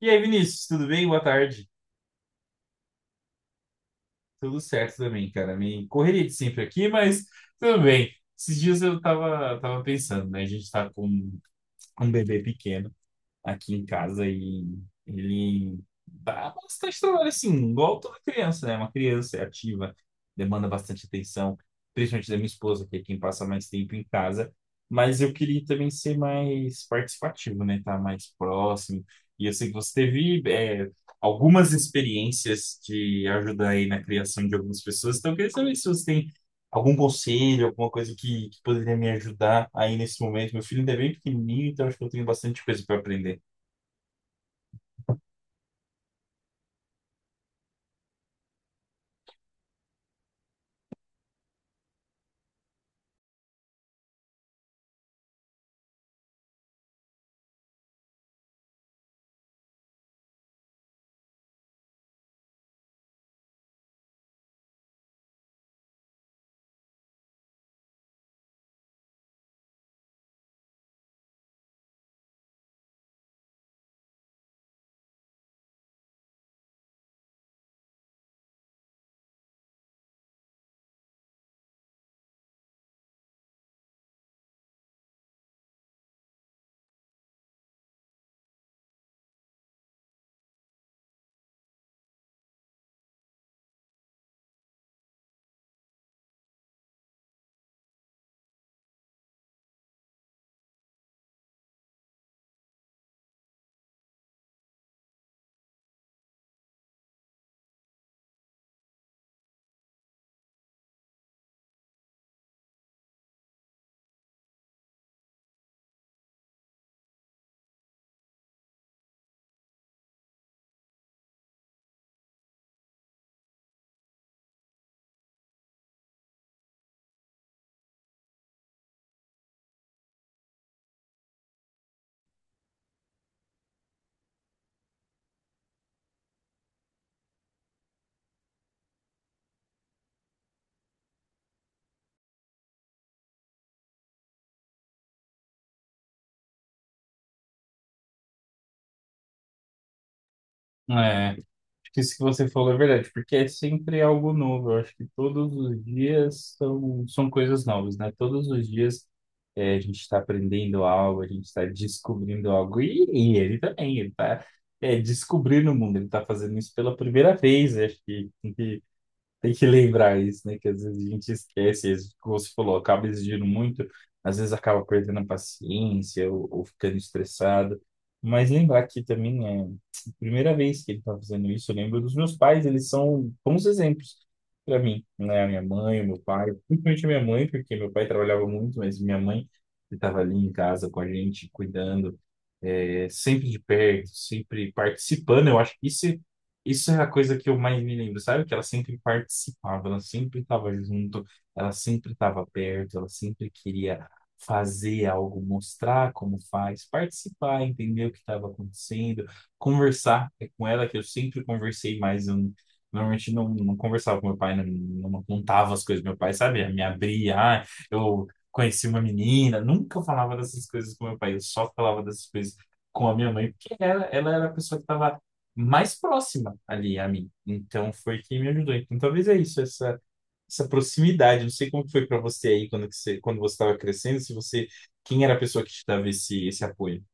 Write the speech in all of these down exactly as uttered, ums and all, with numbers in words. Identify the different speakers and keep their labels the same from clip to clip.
Speaker 1: E aí, Vinícius, tudo bem? Boa tarde. Tudo certo também, cara. Me correria de sempre aqui, mas tudo bem. Esses dias eu tava, tava pensando, né? A gente tá com um um bebê pequeno aqui em casa e ele dá bastante trabalho, assim, igual toda criança, né? Uma criança é ativa, demanda bastante atenção, principalmente da minha esposa, que é quem passa mais tempo em casa. Mas eu queria também ser mais participativo, né? Estar mais próximo. E eu sei que você teve, é, algumas experiências de ajudar aí na criação de algumas pessoas. Então, eu queria saber se você tem algum conselho, alguma coisa que, que poderia me ajudar aí nesse momento. Meu filho ainda é bem pequenininho, então acho que eu tenho bastante coisa para aprender. É, acho que isso que você falou é verdade, porque é sempre algo novo. Eu acho que todos os dias são, são coisas novas, né? Todos os dias, é, a gente está aprendendo algo, a gente está descobrindo algo, e, e ele também, ele está, é, descobrindo o mundo, ele está fazendo isso pela primeira vez. Eu acho que tem que, tem que lembrar isso, né? Que às vezes a gente esquece, às vezes, como você falou, acaba exigindo muito, às vezes acaba perdendo a paciência ou ou ficando estressado. Mas lembrar que também é primeira vez que ele está fazendo isso. Eu lembro dos meus pais, eles são bons exemplos para mim, né? A minha mãe, o meu pai, principalmente a minha mãe, porque meu pai trabalhava muito, mas minha mãe estava ali em casa com a gente, cuidando, é, sempre de perto, sempre participando. Eu acho que isso, isso é a coisa que eu mais me lembro, sabe? Que ela sempre participava, ela sempre estava junto, ela sempre estava perto, ela sempre queria fazer algo, mostrar como faz, participar, entender o que estava acontecendo, conversar. É com ela que eu sempre conversei mais. Eu, não- Normalmente não, não conversava com meu pai, não, não contava as coisas. Meu pai, sabe, me abria, ah, eu conheci uma menina, nunca eu falava dessas coisas com meu pai, eu só falava dessas coisas com a minha mãe, porque ela, ela era a pessoa que estava mais próxima ali a mim. Então foi quem me ajudou. Então talvez é isso, essa, essa proximidade. Não sei como que foi para você aí quando que você, quando você estava crescendo, se você, quem era a pessoa que te dava esse, esse apoio?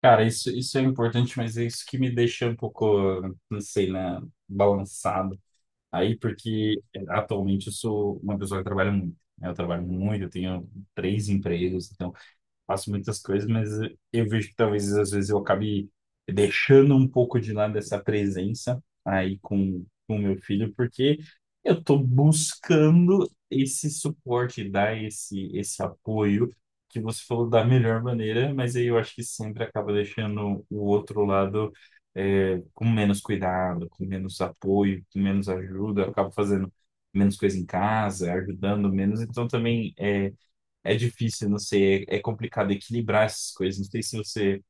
Speaker 1: Cara, isso, isso é importante, mas é isso que me deixa um pouco, não sei, né, balançado aí, porque eh, atualmente eu sou uma pessoa que trabalha muito, né? Eu trabalho muito, eu tenho três empregos, então faço muitas coisas, mas eu vejo que talvez às vezes eu acabe deixando um pouco de lado essa presença aí com com o meu filho, porque eu estou buscando esse suporte, dar esse, esse apoio que você falou da melhor maneira, mas aí eu acho que sempre acaba deixando o outro lado, é, com menos cuidado, com menos apoio, com menos ajuda, acaba fazendo menos coisa em casa, ajudando menos, então também é é difícil, não sei, é, é complicado equilibrar essas coisas. Não sei se você,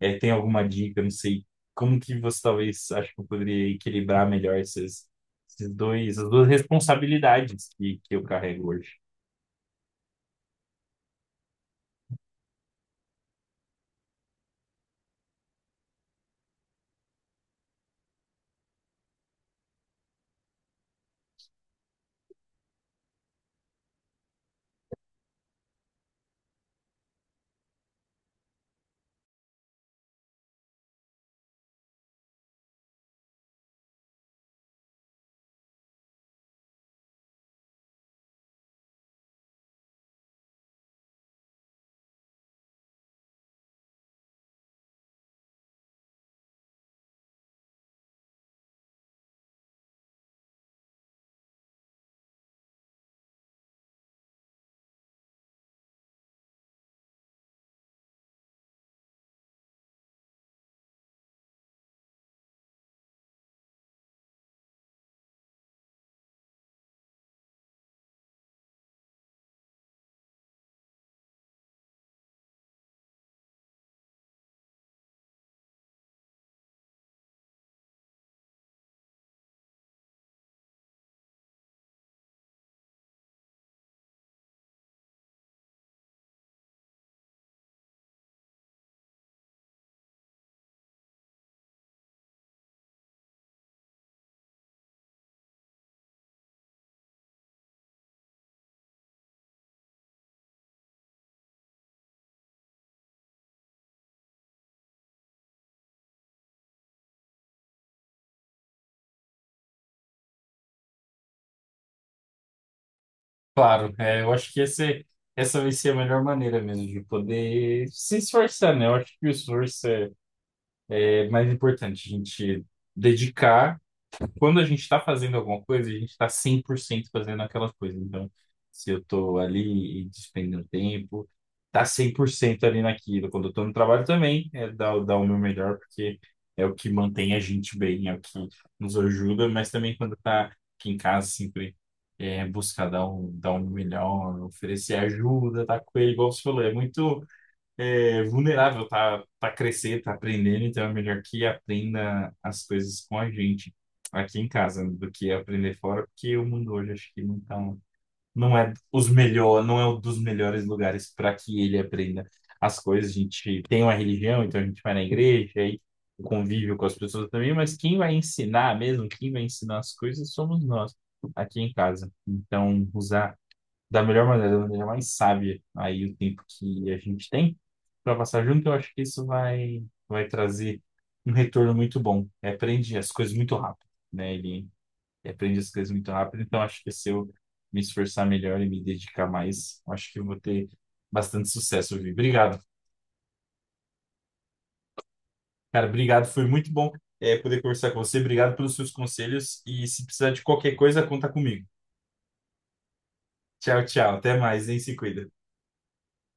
Speaker 1: é, tem alguma dica, não sei como que você talvez acho que eu poderia equilibrar melhor esses, esses dois, as duas responsabilidades que, que eu carrego hoje. Claro, é, eu acho que esse, essa vai ser a melhor maneira mesmo de poder se esforçar, né? Eu acho que o esforço é, é mais importante, a gente dedicar. Quando a gente está fazendo alguma coisa, a gente está cem por cento fazendo aquela coisa. Então, se eu estou ali e despendendo tempo, tá cem por cento ali naquilo. Quando eu estou no trabalho também, é dar, dar o meu melhor, porque é o que mantém a gente bem, é o que nos ajuda, mas também quando está aqui em casa, sempre é buscar dar um, dar um melhor, oferecer ajuda, tá com ele, igual você falou, é muito, é, vulnerável, tá, tá crescer, tá aprendendo, então é melhor que aprenda as coisas com a gente aqui em casa do que aprender fora, porque o mundo hoje acho que não tá, um- não é os melhor, não é um dos melhores lugares para que ele aprenda as coisas. A gente tem uma religião, então a gente vai na igreja, aí o convívio com as pessoas também, mas quem vai ensinar mesmo, quem vai ensinar as coisas somos nós aqui em casa. Então, usar da melhor maneira, da maneira mais sábia aí o tempo que a gente tem para passar junto, eu acho que isso vai vai trazer um retorno muito bom. Ele aprende as coisas muito rápido, né? Ele aprende as coisas muito rápido, então acho que se eu me esforçar melhor e me dedicar mais, eu acho que eu vou ter bastante sucesso, Vi. Obrigado. Cara, obrigado, foi muito bom, é, poder conversar com você. Obrigado pelos seus conselhos e se precisar de qualquer coisa, conta comigo. Tchau, tchau. Até mais, hein? Se cuida.